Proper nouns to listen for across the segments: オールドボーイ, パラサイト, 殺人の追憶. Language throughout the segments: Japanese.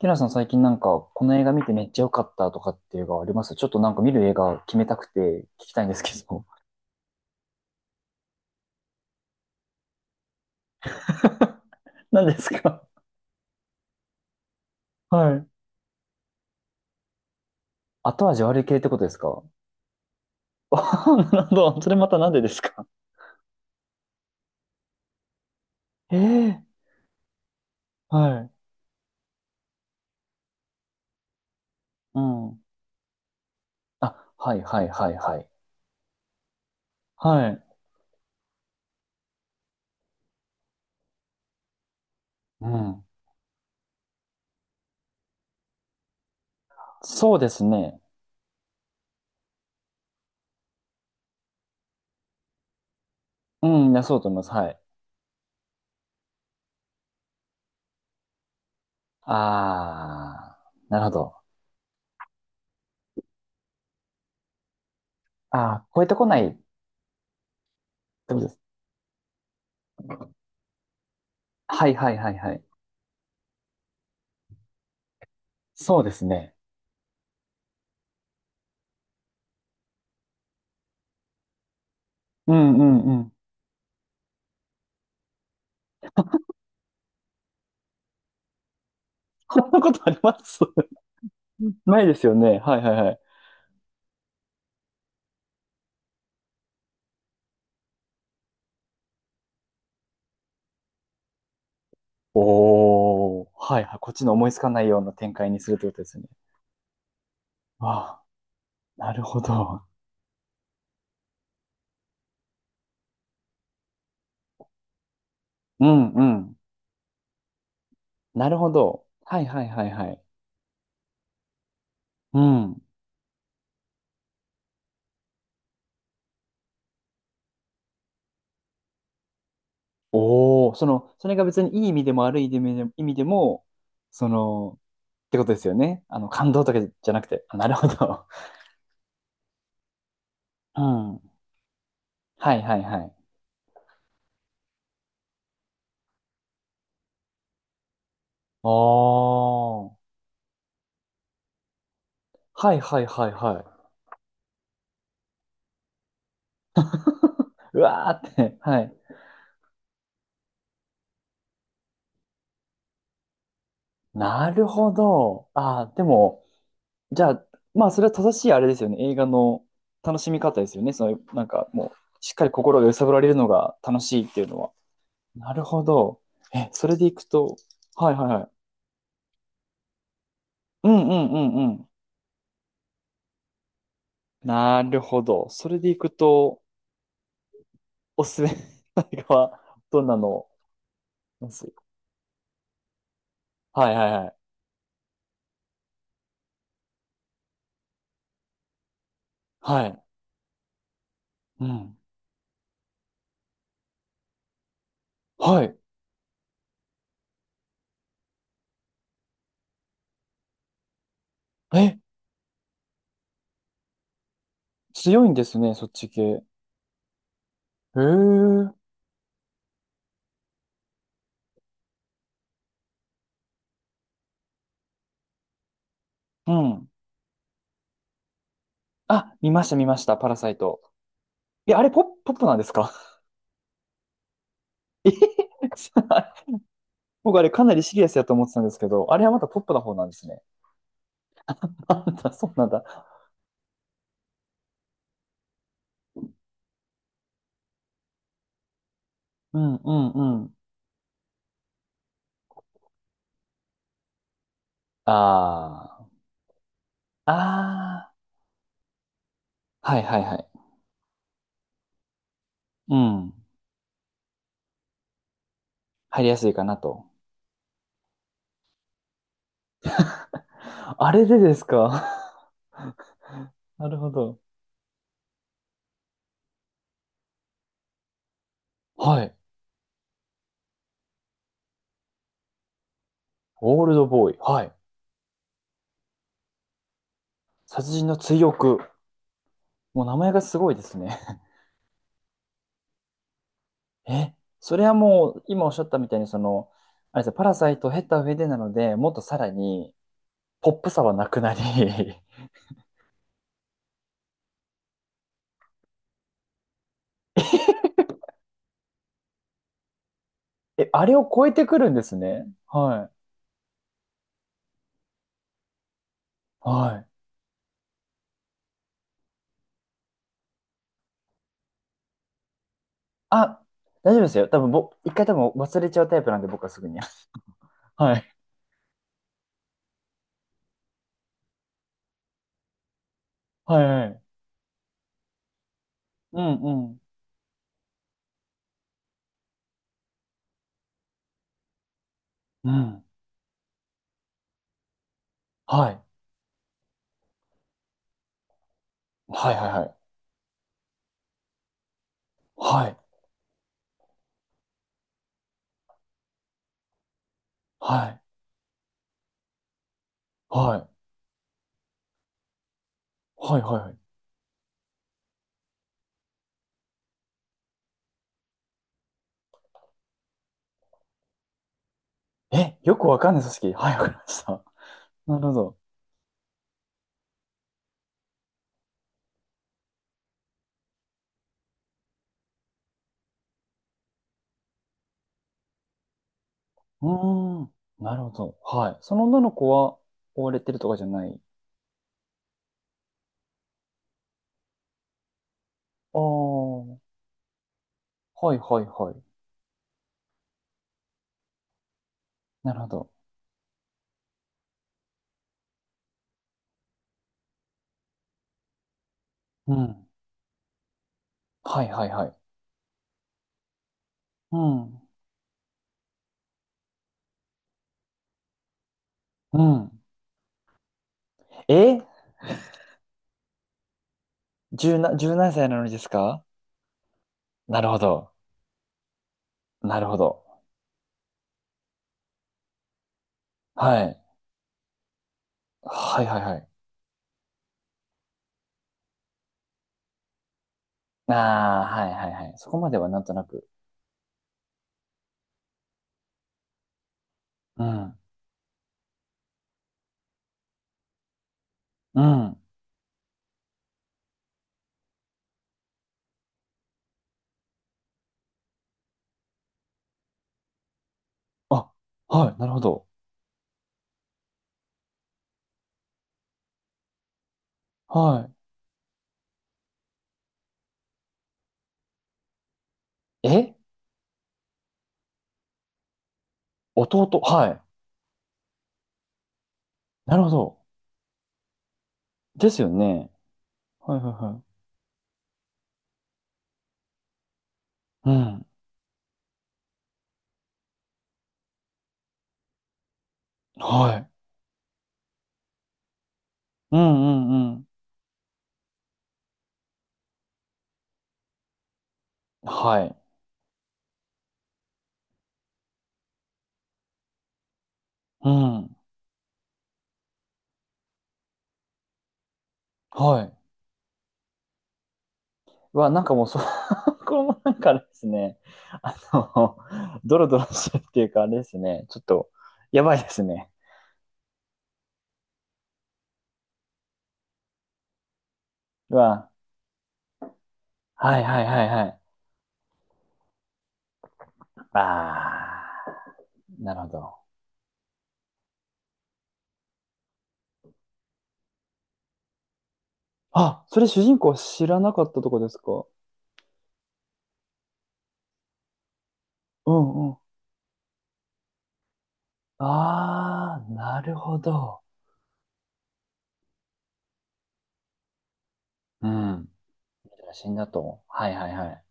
ティラさん、最近なんか、この映画見てめっちゃ良かったとかっていう映画あります？ちょっとなんか見る映画決めたくて聞きたいんですけど。何ですか？はい。後味悪い系ってことですか？あ、 なるほど。それまたなんでですか？ええ、はい。うん。あ、はいはいはいはい。はい。うん。そうですね。うん、いやそうだと思います。はい。あー、なるほど。あー、超えてこないってことです。はいはいはいはい。そうですね。うんうんうん。こんなことあります？ないですよね。はいはいはい。おー、はいはい。こっちの思いつかないような展開にするってことですよね。わあ、なるほど。うんうん。なるほど。はいはいはいはい。うん。おお、その、それが別にいい意味でも悪い意味でも、意味でも、その、ってことですよね。あの、感動とかじゃなくて。あ、なるほど。うん。はいはいはい。おー。はいはいはいはい。うわーって。はい。なるほど。あー、でも、じゃあ、まあ、それは正しいあれですよね。映画の楽しみ方ですよね。その、なんかもう、しっかり心が揺さぶられるのが楽しいっていうのは。なるほど。え、それでいくと、はいはいはい。うんうんうんうん。なるほど。それでいくと、おすすめの映画はどんなのます？はいはいはい。はい。うん。はい。え、強いんですね、そっち系。へえ。うん。あ、見ました見ました、パラサイト。え、あれポップ、ポップなんですか？え、 僕あれかなりシリアスやと思ってたんですけど、あれはまたポップな方なんですね。あんた、そうなんだ。うん、うん、うん。ああ。ああ。はい、はい、はい。うん。入りやすいかなと。あれでですか？なるほど。はい。オールドボーイ。はい。殺人の追憶。もう名前がすごいですね。え、それはもう、今おっしゃったみたいに、その、あれですよ、パラサイトを経た上でなので、もっとさらに、ポップさはなくなり。 え、あれを超えてくるんですね。はい。はい。あ、大丈夫ですよ。多分ぼ、一回多分忘れちゃうタイプなんで、僕はすぐに。はい。はいはい。うんうん。うん。はい。はいはいはい。はい。はい。はい。はいはい。え、よくわかんない組織。はい、わかりました。なるほど。うーん。なるほど。はい。その女の子は追われてるとかじゃない？ああ。はいはいはい。なるほど。うん。はいはいはい。うん。うん。え、十な、十何歳なのにですか？なるほど。なるほど。はい。はいはいはい。ああ、はいはいはい。そこまではなんとなく。うん。うん。あ、はい、なるほど。はい。え、弟、はい。なるほど。ですよね。はいはいはい。うん。はい。うんうんうん。はい。うん。はい。うわ、なんかもうそ、これもなんかあれですね。あの、ドロドロしてるっていうかあれですね。ちょっと、やばいですね。うわ、はいはいはいはい。ああ、なるほど。あ、それ主人公は知らなかったとこですか？うんうん。ああ、なるほど。うん。写真だと。はいはいはい。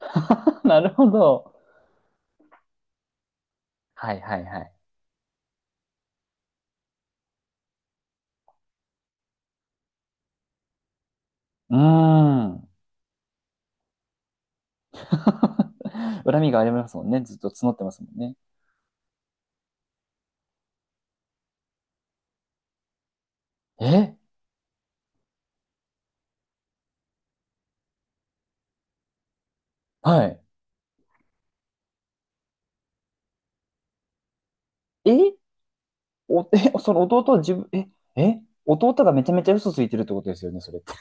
なるほど。はいはいはい。うーん。恨みがありますもんね。ずっと募ってますもんね。え、はい。え、お、え、その弟は自分、え、え、弟がめちゃめちゃ嘘ついてるってことですよね、それって。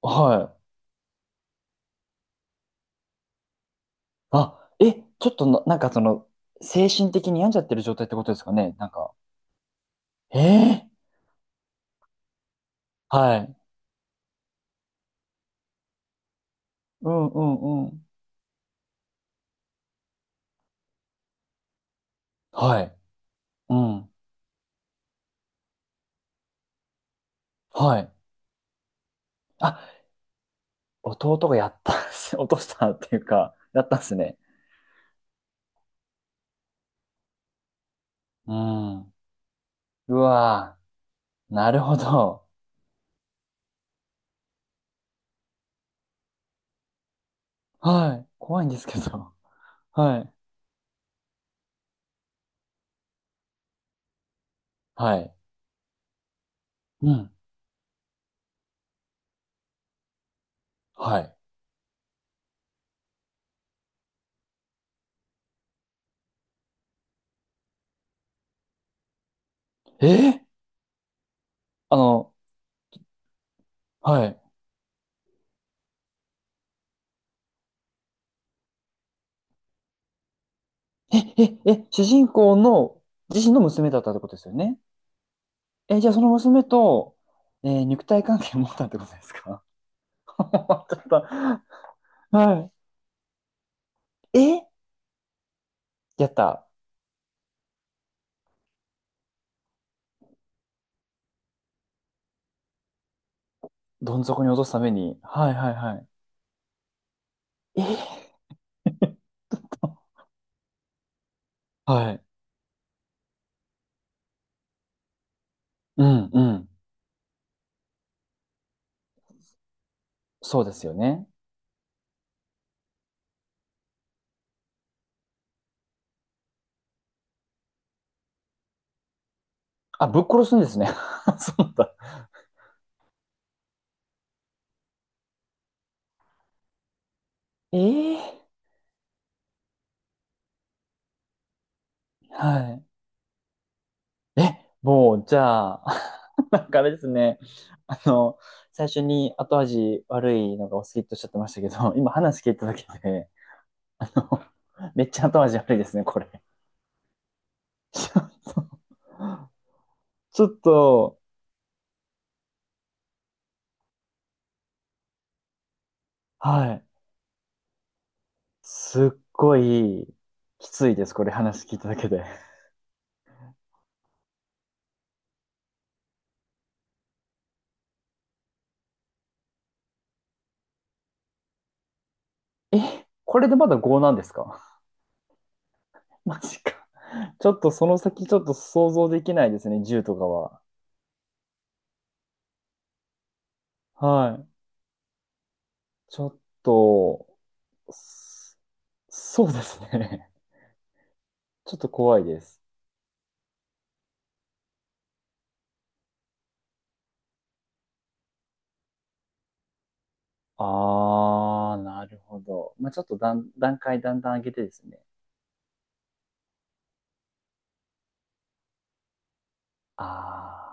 はい。あ、え、ちょっとな、なんかその、精神的に病んじゃってる状態ってことですかね。なんか、ええ、はい。うんうんうん。はい。うん。はい。あ、弟がやったんす。落としたっていうか、やったんすね。うん。うわぁ。なるほど。はい。怖いんですけど。はい。はい。うん。はい。えーあの、はい。え、え、え、主人公の自身の娘だったってことですよね。え、じゃあその娘と、肉体関係を持ったってことですか？ ちょっと、はい。え、やった。どん底に落とすために。はいはいはい。えーはい。うんうん。そうですよね。あ、ぶっ殺すんですね。そうだ。えええ、はい。え、もう、じゃあ、なんかあれですね。あの、最初に後味悪いのがお好きっておっしゃってましたけど、今話聞いただけで、あの、めっちゃ後味悪いですね、これ。ちょっと、はい。すっごい、きついです、これ話聞いただけで。え、これでまだ5なんですか？マジか。ちょっとその先ちょっと想像できないですね、銃とかは。はい。ちょっと、そ、そうですね。ちょっと怖いです。あー、なるほど。まあ、ちょっと段、段階だんだん上げてですね。あー。